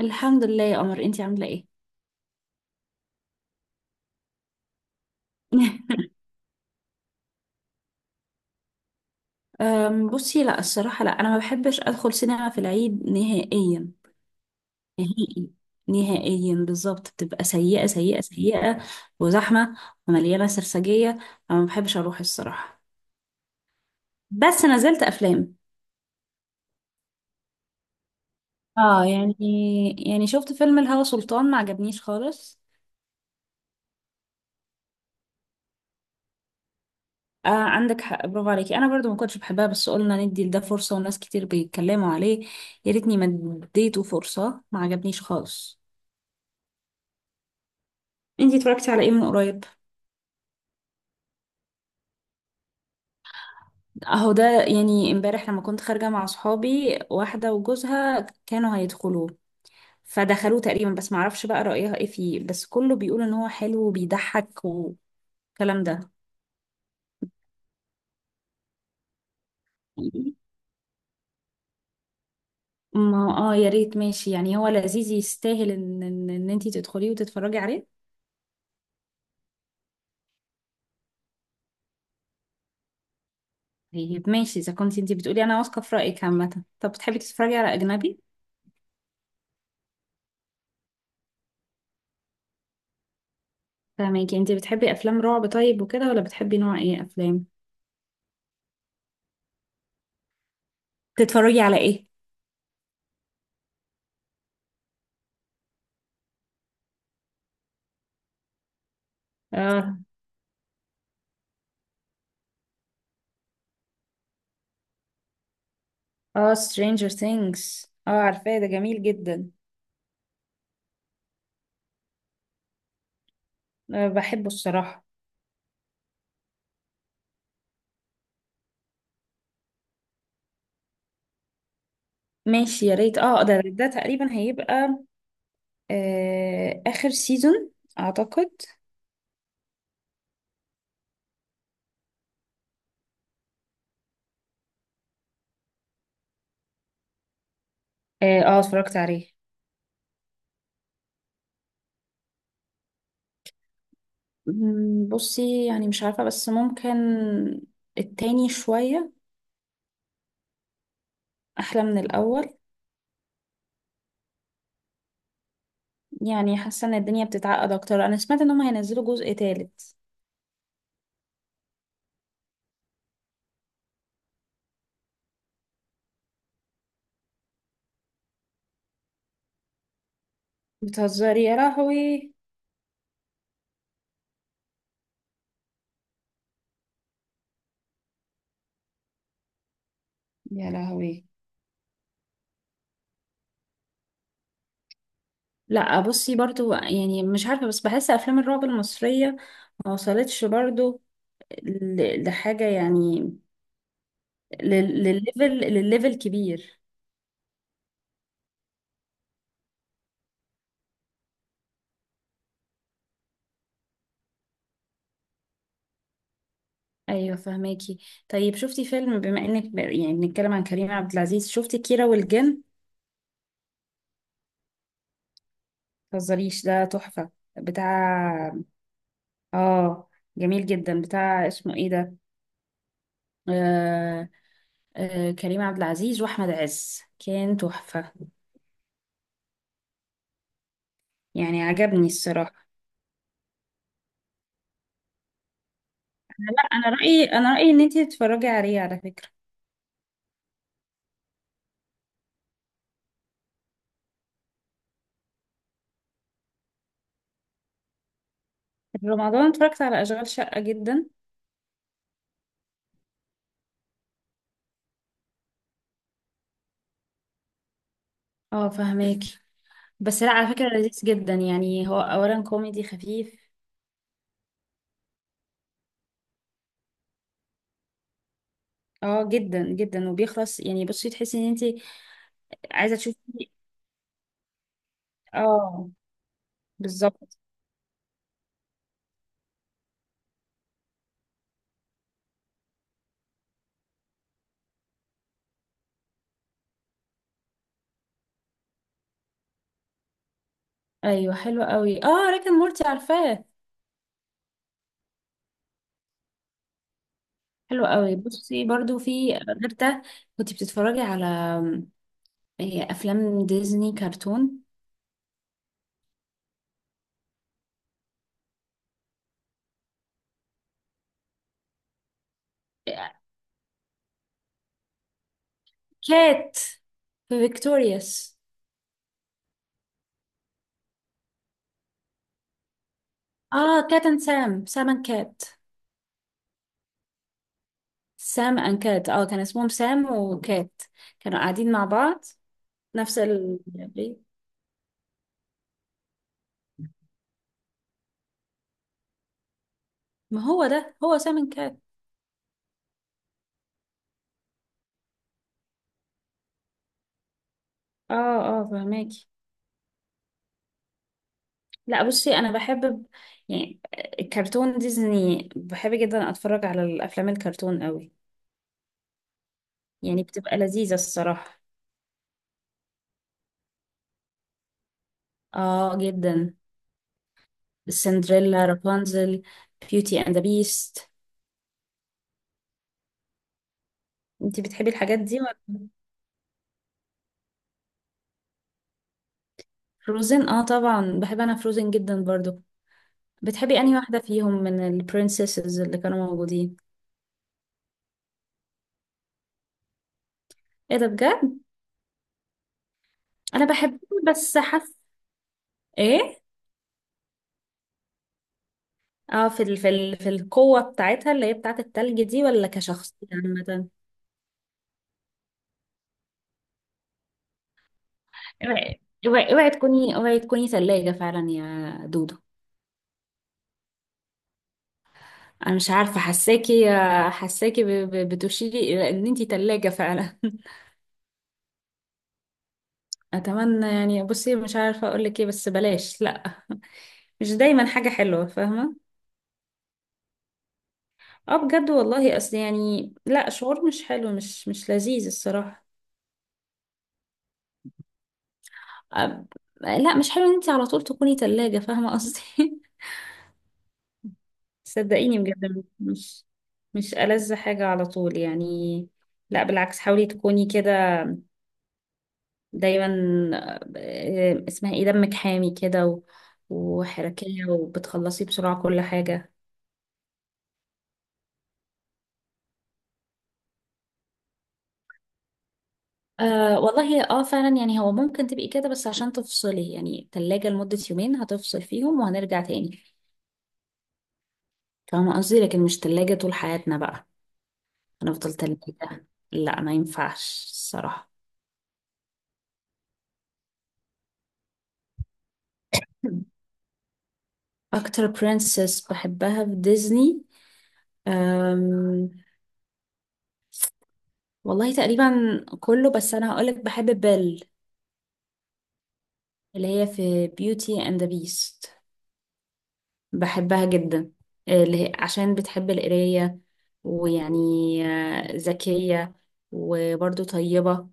الحمد لله يا قمر، انتي عاملة ايه؟ بصي لا الصراحة، لا انا ما بحبش ادخل سينما في العيد نهائيا. نهائي. نهائيا بالظبط، بتبقى سيئة سيئة سيئة وزحمة ومليانة سرسجية، فما بحبش اروح الصراحة. بس نزلت افلام. اه يعني، شفت فيلم الهوى سلطان، ما عجبنيش خالص. آه عندك حق، برافو عليكي، انا برضو ما كنتش بحبها، بس قلنا ندي لده فرصة وناس كتير بيتكلموا عليه. يا ريتني ما اديته فرصة، ما عجبنيش خالص. انتي اتفرجتي على ايه من قريب؟ اهو ده يعني امبارح لما كنت خارجة مع صحابي، واحدة وجوزها كانوا هيدخلوه فدخلوه تقريبا، بس معرفش بقى رأيها ايه فيه، بس كله بيقول ان هو حلو وبيضحك والكلام ده. ما اه، يا ريت، ماشي يعني هو لذيذ، يستاهل ان انتي تدخليه وتتفرجي عليه. طيب ماشي، اذا كنت انتي بتقولي انا واثقة في رأيك عامة. طب بتحبي تتفرجي على اجنبي؟ فاهمك. انتي بتحبي افلام رعب طيب وكده، ولا بتحبي نوع ايه افلام؟ تتفرجي على ايه؟ اه. اه Stranger Things، اه عارفاه، ده جميل جدا. أه بحبه الصراحة. ماشي، يا ريت. اه ده تقريبا هيبقى آخر سيزون أعتقد. اه، اتفرجت عليه. بصي يعني مش عارفة، بس ممكن التاني شوية أحلى من الأول. يعني حاسة إن الدنيا بتتعقد أكتر. أنا سمعت إنهم هينزلوا جزء تالت. بتهزري يا لهوي! يا لهوي! لا بصي، برضو يعني مش عارفة، بس بحس أفلام الرعب المصرية ما وصلتش برضو لحاجة يعني، للليفل، للليفل كبير. ايوه فهماكي. طيب شفتي فيلم، بما انك يعني بنتكلم عن كريم عبد العزيز، شفتي كيرة والجن؟ متهزريش، ده تحفة! بتاع، اه، جميل جدا، بتاع اسمه ايه ده؟ آه... كريم عبد العزيز واحمد عز، كان تحفة. يعني عجبني الصراحة. لا، انا رأيي، انا رأيي ان انتي تتفرجي عليه على فكرة. في رمضان اتفرجت على اشغال شقة، جدا. اه فهماكي. بس لا، على فكرة لذيذ جدا. يعني هو اولا كوميدي خفيف. اه جدا جدا. وبيخلص، يعني بصي تحسي ان انت عايزة تشوفي. اه بالظبط. ايوه حلو قوي، اه ريك اند مورتي عارفاه. حلو قوي. بصي برضو، في غير ده كنت بتتفرجي على افلام ديزني كرتون؟ كات في فيكتوريوس. اه كات اند سام، سام اند كات. سام اند كات، اه كان اسمهم سام وكات، كانوا قاعدين مع بعض، نفس ال… ما هو ده، هو سامن كات. اه. اه فهماكي. لا بصي، انا بحب يعني الكرتون ديزني، بحب جدا اتفرج على الافلام الكرتون قوي. يعني بتبقى لذيذة الصراحة. اه جدا. سندريلا، رابنزل، بيوتي اند ذا بيست. انتي بتحبي الحاجات دي ولا؟ فروزن، اه طبعا بحب، انا فروزن جدا برضو. بتحبي انهي واحدة فيهم من البرنسيسز اللي كانوا موجودين؟ ايه ده بجد؟ انا بحبهم بس حاسة، ايه، اه، في في القوة بتاعتها اللي هي بتاعت التلج دي، ولا كشخصية عامة؟ اوعي! اوعي اوعي تكوني، اوعي تكوني ثلاجة فعلا يا دودو. انا مش عارفة، حساكي، حساكي بتشيري الى ان انتي ثلاجة فعلا. اتمنى يعني. بصي مش عارفة اقولك ايه، بس بلاش، لا. مش دايما حاجة حلوة، فاهمة. اه بجد والله، اصل يعني لا، شعور مش حلو، مش لذيذ الصراحة. أب- لا مش حلو ان انتي على طول تكوني ثلاجة، فاهمة قصدي. صدقيني بجد، مش مش ألذ حاجة على طول يعني. لا بالعكس، حاولي تكوني كده دايما، اسمها ايه، دمك حامي كده وحركية وبتخلصي بسرعة كل حاجة. والله اه فعلا، يعني هو ممكن تبقي كده، بس عشان تفصلي يعني، تلاجة لمدة يومين، هتفصل فيهم وهنرجع تاني. فاهمة قصدي؟ لكن مش تلاجة طول حياتنا بقى. هنفضل تلاجة، لا ما ينفعش الصراحة. أكتر برنسس بحبها في ديزني؟ أم... والله تقريبا كله، بس انا هقولك بحب بيل، اللي هي في بيوتي اند ذا بيست، بحبها جدا، اللي هي عشان بتحب القراية، ويعني ذكية وبرضه طيبة.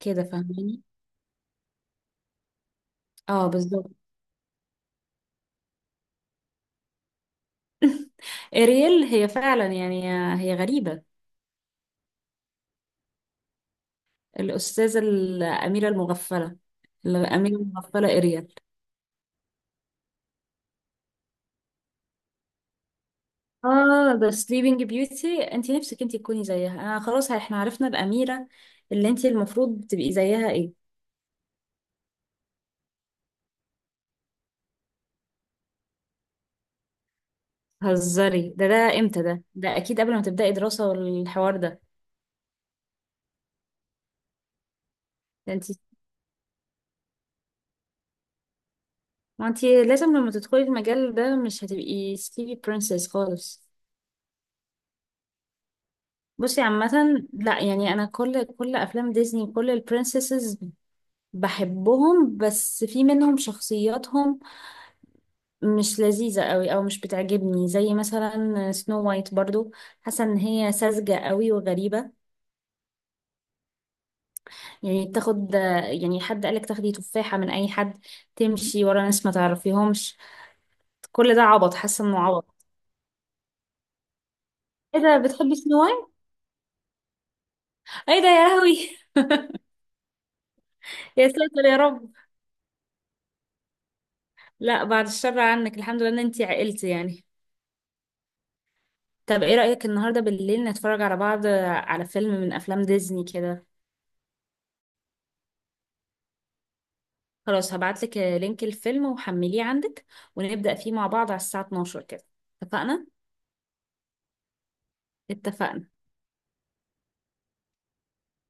كده فاهماني. اه بالظبط. إريل، هي فعلا يعني هي غريبة. الأستاذة الأميرة المغفلة، الأميرة المغفلة إريل. اه ده سليبنج بيوتي. انت نفسك انت تكوني زيها؟ انا خلاص احنا عرفنا الاميره اللي انت المفروض تبقي زيها، ايه. هزري. ده امتى ده اكيد قبل ما تبداي دراسه والحوار ده. ده انت! ما انت لازم لما تدخلي المجال ده، مش هتبقي سليبي برنسس خالص. بصي عامه، لا يعني انا كل افلام ديزني، كل البرنسسز بحبهم، بس في منهم شخصياتهم مش لذيذة قوي، او مش بتعجبني، زي مثلا سنو وايت برضو، حاسة ان هي ساذجة قوي وغريبة. يعني تاخد، يعني حد قالك تاخدي تفاحة من اي حد، تمشي ورا ناس ما تعرفيهمش؟ كل ده عبط، حاسة انه عبط. ايه ده، بتحبي سنو وايت؟ ايه ده يا لهوي! يا ساتر يا رب. لا بعد الشر عنك، الحمد لله ان انتي عقلتي يعني. طب ايه رأيك النهاردة بالليل نتفرج على بعض، على فيلم من افلام ديزني كده؟ خلاص هبعتلك لينك الفيلم، وحمليه عندك، ونبدأ فيه مع بعض على الساعة 12 كده. اتفقنا؟ اتفقنا.